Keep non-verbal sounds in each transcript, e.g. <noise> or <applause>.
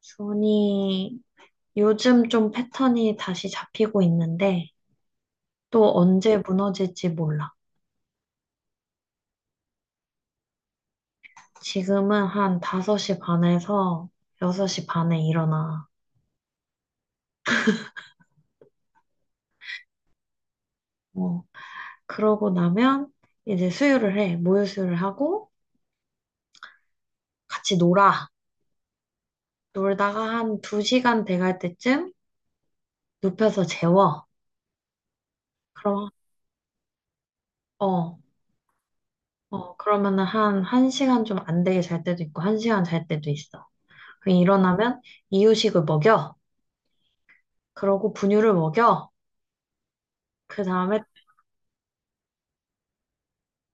준이 요즘 좀 패턴이 다시 잡히고 있는데 또 언제 무너질지 몰라. 지금은 한 5시 반에서 6시 반에 일어나. 어, 그러고 나면 이제 수유를 해. 모유 수유를 하고 같이 놀아. 놀다가 한 2시간 돼갈 때쯤 눕혀서 재워. 그럼 어, 어, 그러면은 한 1시간 좀 안 되게 잘 때도 있고 1시간 잘 때도 있어. 그럼 일어나면 이유식을 먹여. 그러고 분유를 먹여. 그 다음에,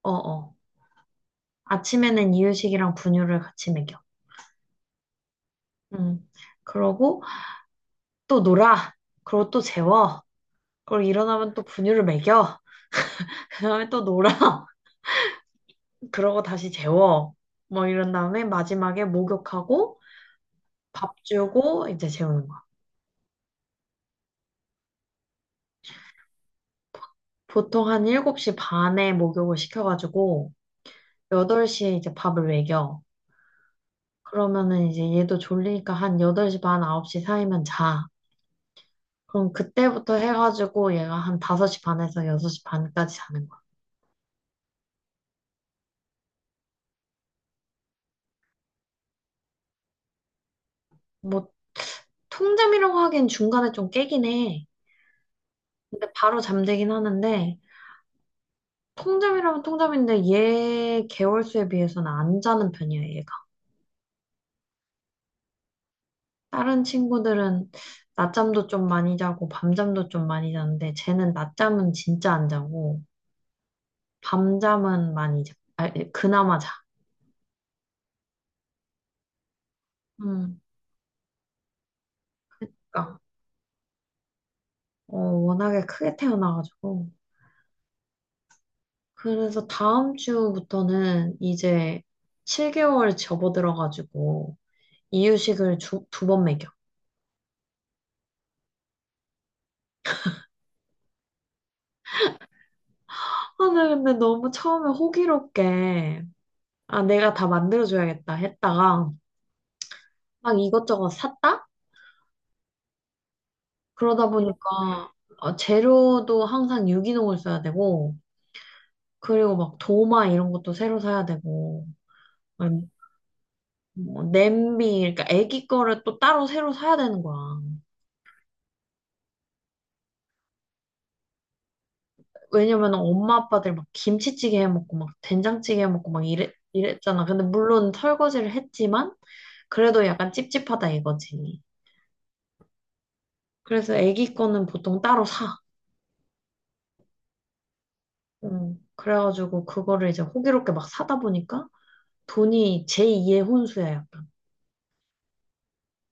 어어. 아침에는 이유식이랑 분유를 같이 먹여. 음. 그러고 또 놀아. 그러고 또 재워. 그리고 일어나면 또 분유를 먹여. <laughs> 그 다음에 또 놀아. <laughs> 그러고 다시 재워. 뭐 이런 다음에 마지막에 목욕하고 밥 주고 이제 재우는 거야. 보통 한 7시 반에 목욕을 시켜가지고 8시에 이제 밥을 먹여. 그러면은 이제 얘도 졸리니까 한 8시 반, 9시 사이면 자. 그럼 그때부터 해가지고 얘가 한 5시 반에서 6시 반까지 자는 거야. 뭐, 통잠이라고 하기엔 중간에 좀 깨긴 해. 근데 바로 잠들긴 하는데, 통잠이라면 통잠인데 얘 개월수에 비해서는 안 자는 편이야, 얘가. 다른 친구들은 낮잠도 좀 많이 자고, 밤잠도 좀 많이 자는데, 쟤는 낮잠은 진짜 안 자고, 밤잠은 많이 자. 네, 그나마 자. 음, 그러니까, 어, 워낙에 크게 태어나가지고. 그래서 다음 주부터는 이제 7개월 접어들어가지고 이유식을 두 번 먹여. 아, 나 근데 너무 처음에 호기롭게 아, 내가 다 만들어줘야겠다 했다가 막 이것저것 샀다? 그러다 보니까 어, 재료도 항상 유기농을 써야 되고 그리고 막 도마 이런 것도 새로 사야 되고 아니, 뭐 냄비 그러니까 애기 거를 또 따로 새로 사야 되는 거야. 왜냐면 엄마 아빠들 막 김치찌개 해먹고 막 된장찌개 해먹고 막 이랬잖아. 근데 물론 설거지를 했지만 그래도 약간 찝찝하다 이거지. 그래서 애기 거는 보통 따로 사. 그래가지고 그거를 이제 호기롭게 막 사다 보니까 돈이 제2의 혼수야 약간.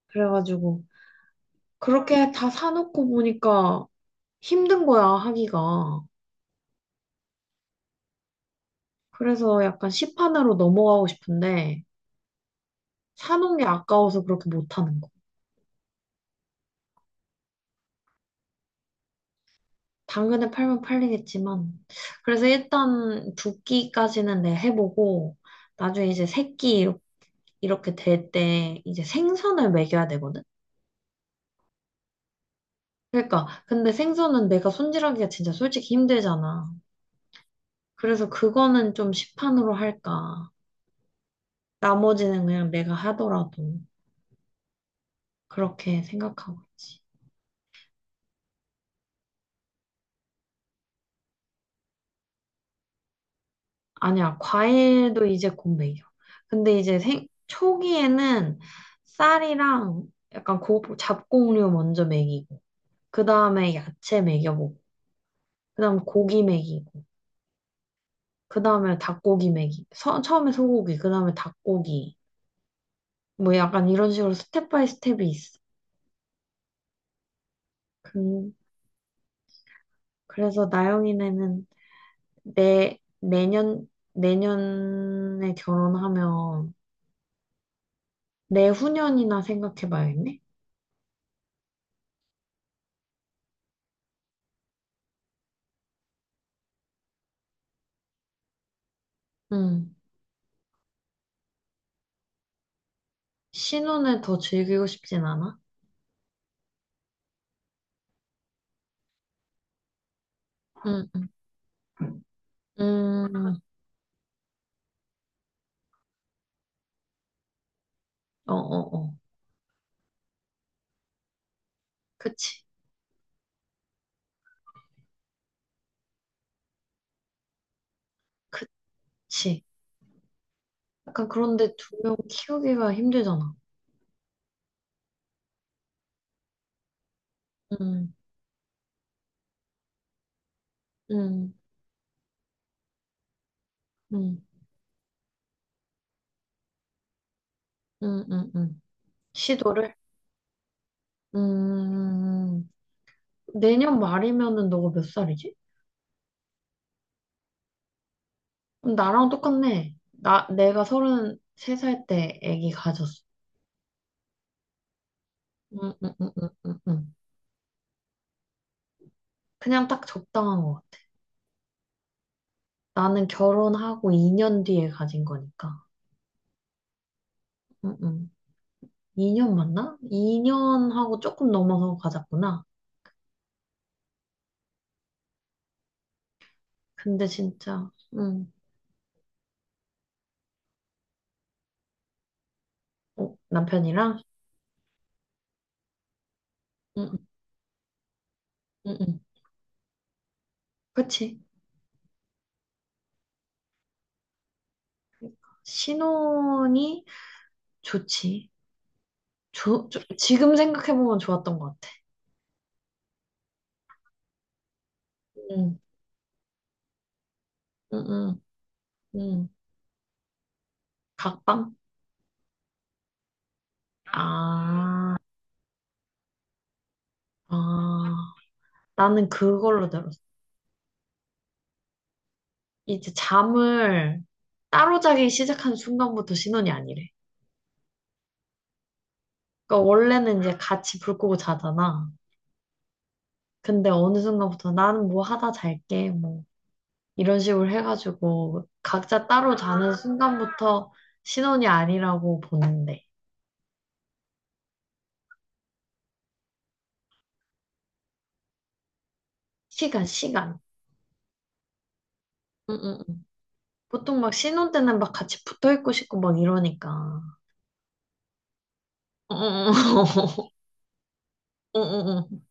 그래가지고 그렇게 다 사놓고 보니까 힘든 거야 하기가. 그래서 약간 시판으로 넘어가고 싶은데 사놓은 게 아까워서 그렇게 못하는 거 당근을 팔면 팔리겠지만, 그래서 일단 두 끼까지는 내 해보고, 나중에 이제 세 끼 이렇게 될 때, 이제 생선을 먹여야 되거든? 그러니까, 근데 생선은 내가 손질하기가 진짜 솔직히 힘들잖아. 그래서 그거는 좀 시판으로 할까. 나머지는 그냥 내가 하더라도, 그렇게 생각하고 있지. 아니야, 과일도 이제 곧 먹여. 근데 이제 초기에는 쌀이랑 약간 잡곡류 먼저 먹이고, 그 다음에 야채 먹여보고, 그 다음에 고기 먹이고, 그 다음에 닭고기 먹이고, 처음에 소고기, 그 다음에 닭고기. 뭐 약간 이런 식으로 스텝 바이 스텝이 있어. 그, 그래서 나영이네는 내년에 결혼하면 내후년이나 생각해봐야겠네? 응. 신혼을 더 즐기고 싶진 않아? 응, 응. 음, 어, 어, 어. 그치, 그치. 약간 그런데 두 명 키우기가 힘들잖아. 응, 응. 음, 음, 음, 음. 시도를. 음, 내년 말이면은 너가 몇 살이지? 그럼 나랑 똑같네. 내가 33살 때 아기 가졌어. 음, 음, 음, 음, 음, 음. 그냥 딱 적당한 것 같아. 나는 결혼하고 2년 뒤에 가진 거니까. 음, 음. 2년 맞나? 2년하고 조금 넘어서 가졌구나. 근데 진짜, 어, 남편이랑? 응 응응 그치. 신혼이 좋지. 지금 생각해보면 좋았던 것 같아. 응, 응, 응, 응. 각방? 아, 아. 나는 그걸로 들었어. 이제 잠을 따로 자기 시작한 순간부터 신혼이 아니래. 그러니까 원래는 이제 같이 불 끄고 자잖아. 근데 어느 순간부터 나는 뭐 하다 잘게, 뭐, 이런 식으로 해가지고 각자 따로 자는 순간부터 신혼이 아니라고 보는데. 시간, 시간. 응, 응, 응. 보통 막 신혼 때는 막 같이 붙어 있고 싶고 막 이러니까. 어, 어, 어, 어, 어, 어.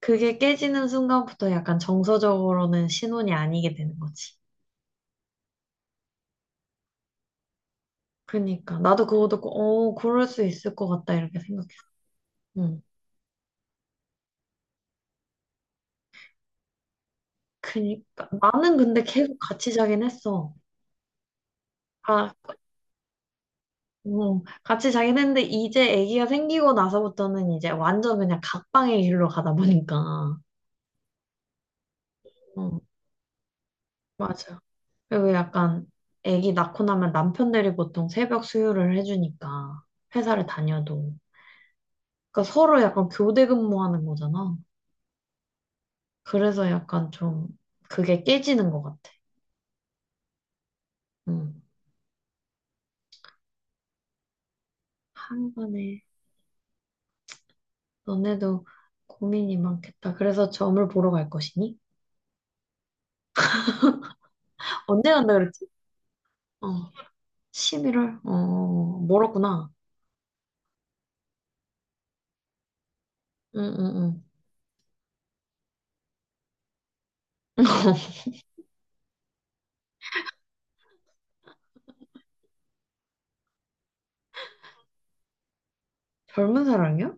그게 깨지는 순간부터 약간 정서적으로는 신혼이 아니게 되는 거지. 그니까. 나도 그거 듣고, 어, 그럴 수 있을 것 같다, 이렇게 생각했어. 응. 그니까. 나는 근데 계속 같이 자긴 했어. 아, 어, 같이 자긴 했는데, 이제 아기가 생기고 나서부터는 이제 완전 그냥 각방의 길로 가다 보니까. 어, 맞아. 그리고 약간 아기 낳고 나면 남편들이 보통 새벽 수유를 해주니까 회사를 다녀도 그러니까 서로 약간 교대 근무하는 거잖아. 그래서 약간 좀 그게 깨지는 것 같아. 음. 한간에 너네도 고민이 많겠다. 그래서 점을 보러 갈 것이니? 언제 간다 그랬지? 어, 11월? 어, 멀었구나. 응, 응, 응. 젊은 사랑이야?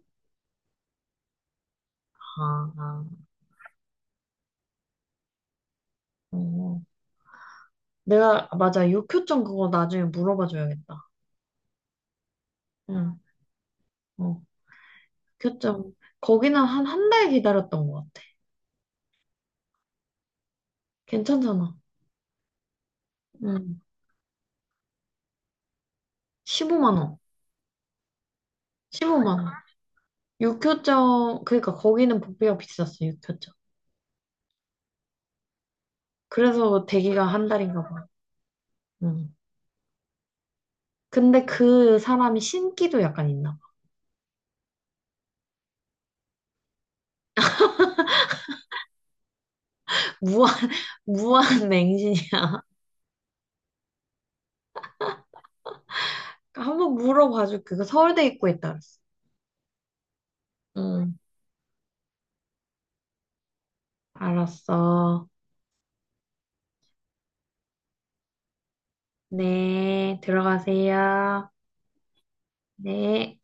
아, 아. 어. 맞아. 육효점 그거 나중에 물어봐 줘야겠다. 응. 어. 그쵸. 거기는 한, 한 달 기다렸던 것 같아. 괜찮잖아. 응. 15만 원. 15만 원. 육효점, 그러니까 거기는 복비가 비쌌어, 육효점. 그래서 대기가 한 달인가 봐. 응. 근데 그 사람이 신기도 약간 있나 봐. 무한, <laughs> 무한 맹신이야. 한번 물어봐줄게. 그 서울대 입구에 있다 그랬어. 응. 알았어. 네, 들어가세요. 네.